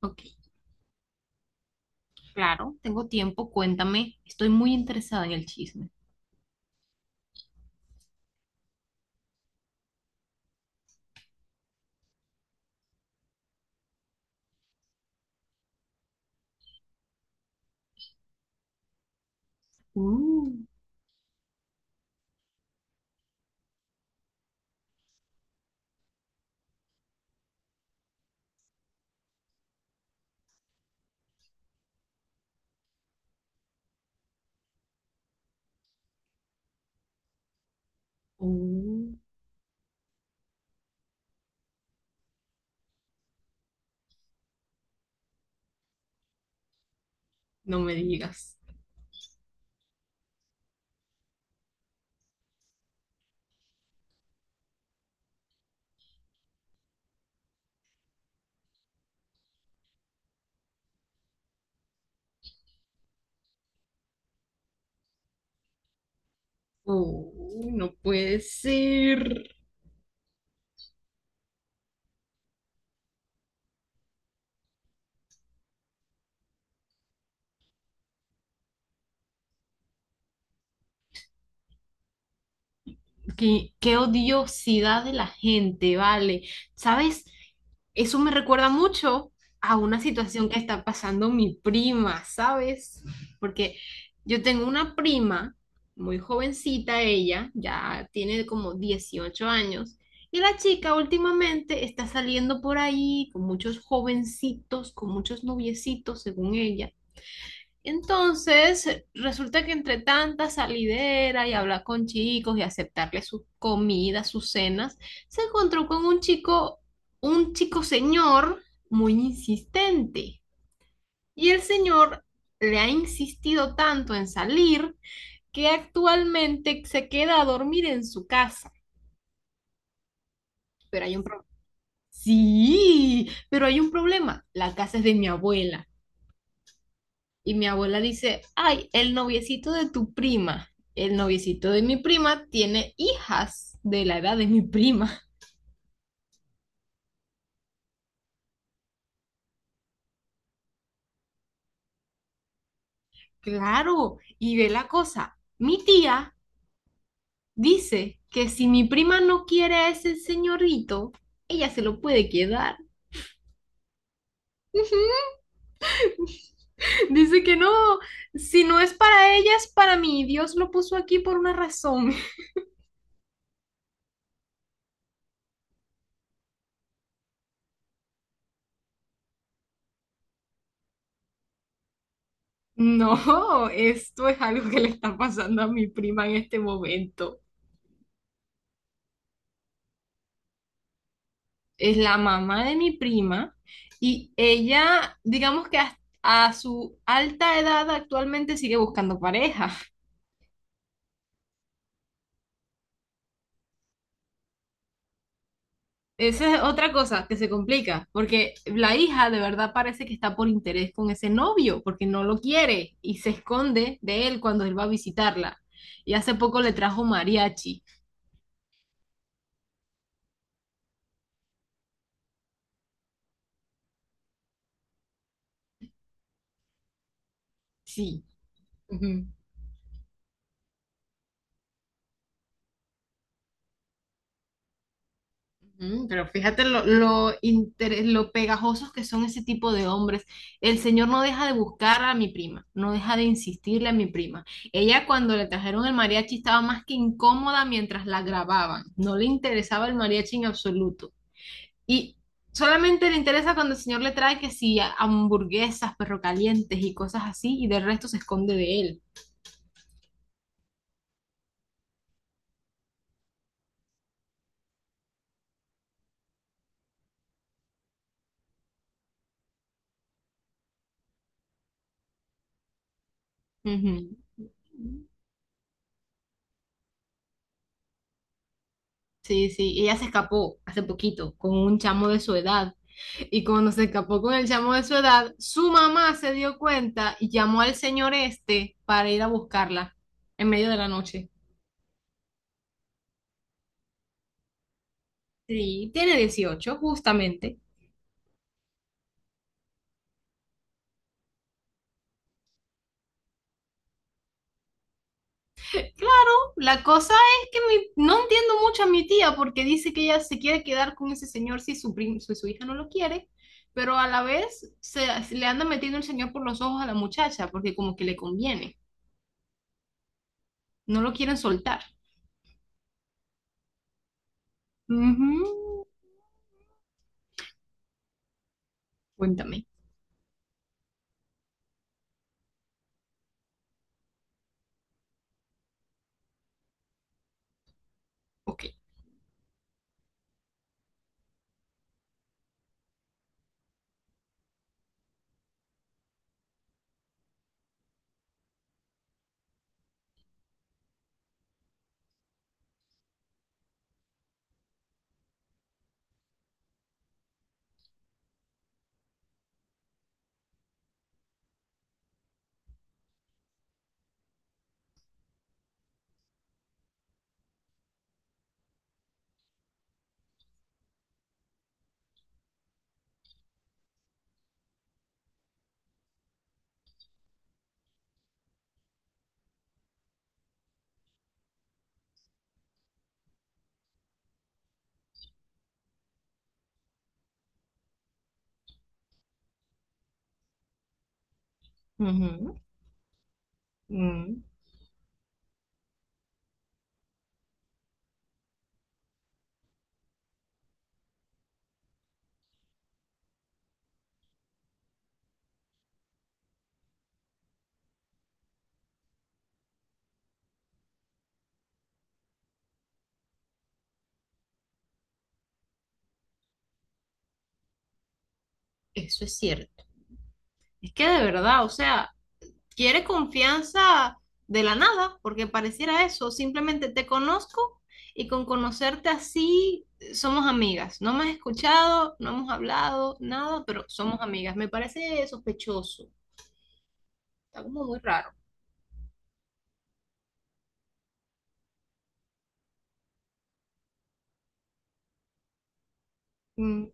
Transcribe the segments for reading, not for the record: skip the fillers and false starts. Ok, claro, tengo tiempo, cuéntame. Estoy muy interesada en el chisme. Uh, uh, no me digas. No puede ser. Qué odiosidad de la gente, vale. ¿Sabes? Eso me recuerda mucho a una situación que está pasando mi prima, ¿sabes? Porque yo tengo una prima, muy jovencita ella, ya tiene como 18 años, y la chica últimamente está saliendo por ahí con muchos jovencitos, con muchos noviecitos, según ella entonces, resulta que entre tanta salidera y hablar con chicos y aceptarle sus comidas, sus cenas, se encontró con un chico señor muy insistente. Y el señor le ha insistido tanto en salir que actualmente se queda a dormir en su casa. Pero hay un problema. Sí, pero hay un problema. La casa es de mi abuela. Y mi abuela dice, ay, el noviecito de tu prima, el noviecito de mi prima tiene hijas de la edad de mi prima. Claro, y ve la cosa, mi tía dice que si mi prima no quiere a ese señorito, ella se lo puede quedar. Dice que no, si no es para ella, es para mí. Dios lo puso aquí por una razón. No, esto es algo que le está pasando a mi prima en este momento. Es la mamá de mi prima y ella, digamos que hasta a su alta edad actualmente sigue buscando pareja. Esa es otra cosa que se complica, porque la hija de verdad parece que está por interés con ese novio, porque no lo quiere y se esconde de él cuando él va a visitarla. Y hace poco le trajo mariachi. Sí. Ujú. Mm, pero fíjate lo pegajosos que son ese tipo de hombres. El señor no deja de buscar a mi prima, no deja de insistirle a mi prima. Ella cuando le trajeron el mariachi estaba más que incómoda mientras la grababan. No le interesaba el mariachi en absoluto. Y solamente le interesa cuando el señor le trae que sí, hamburguesas, perro calientes y cosas así, y del resto se esconde de él. Ujú. Sí, ella se escapó hace poquito con un chamo de su edad. Y cuando se escapó con el chamo de su edad, su mamá se dio cuenta y llamó al señor este para ir a buscarla en medio de la noche. Sí, tiene 18 justamente. Claro, la cosa es que no entiendo mucho a mi tía porque dice que ella se quiere quedar con ese señor si si su hija no lo quiere, pero a la vez le anda metiendo el señor por los ojos a la muchacha porque como que le conviene, no lo quieren soltar. Ujú, cuéntame. Ok. Ujú, mm. Eso es cierto. Es que de verdad, o sea, quiere confianza de la nada, porque pareciera eso. Simplemente te conozco y con conocerte así somos amigas. No me has escuchado, no hemos hablado, nada, pero somos amigas. Me parece sospechoso. Está como muy raro. Mm,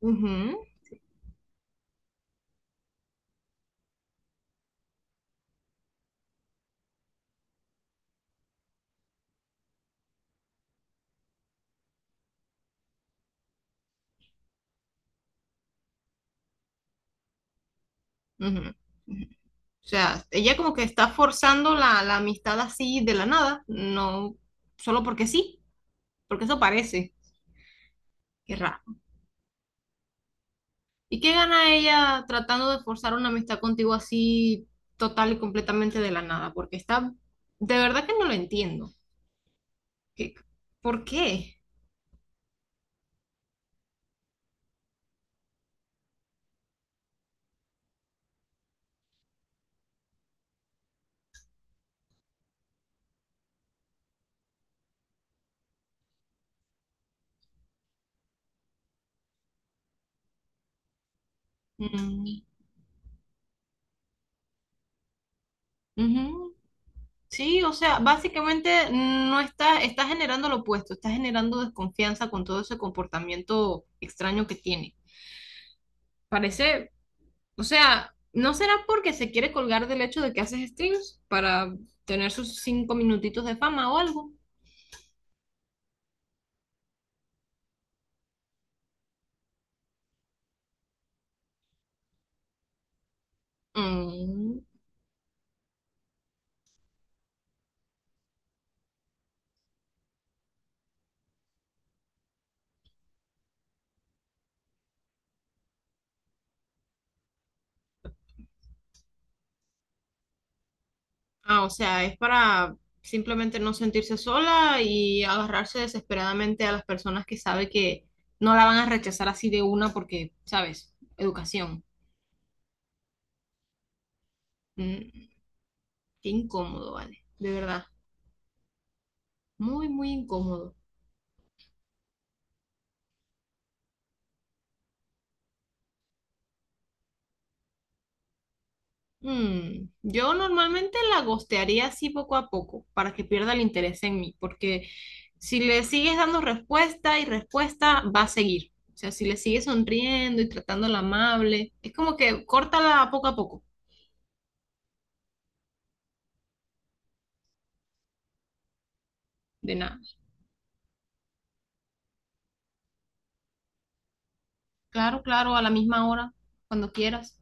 ujú, ujú, ujú. O sea, ella como que está forzando la amistad así de la nada, no solo porque sí, porque eso parece. Qué raro. ¿Y qué gana ella tratando de forzar una amistad contigo así total y completamente de la nada? Porque está, de verdad que no lo entiendo. ¿Qué- ¿Por qué? Mm, ujú. Sí, o sea, básicamente no está, está generando lo opuesto, está generando desconfianza con todo ese comportamiento extraño que tiene. Parece, o sea, ¿no será porque se quiere colgar del hecho de que haces streams para tener sus 5 minutitos de fama o algo? Mm. Ah, o sea, es para simplemente no sentirse sola y agarrarse desesperadamente a las personas que sabe que no la van a rechazar así de una porque, ¿sabes? Educación. Mm, qué incómodo, vale. De verdad. Muy, muy incómodo. Mm, yo normalmente la gostearía así poco a poco para que pierda el interés en mí, porque si le sigues dando respuesta y respuesta, va a seguir. O sea, si le sigues sonriendo y tratándola amable, es como que córtala poco a poco. De nada. Claro, claro, a la misma hora, cuando quieras.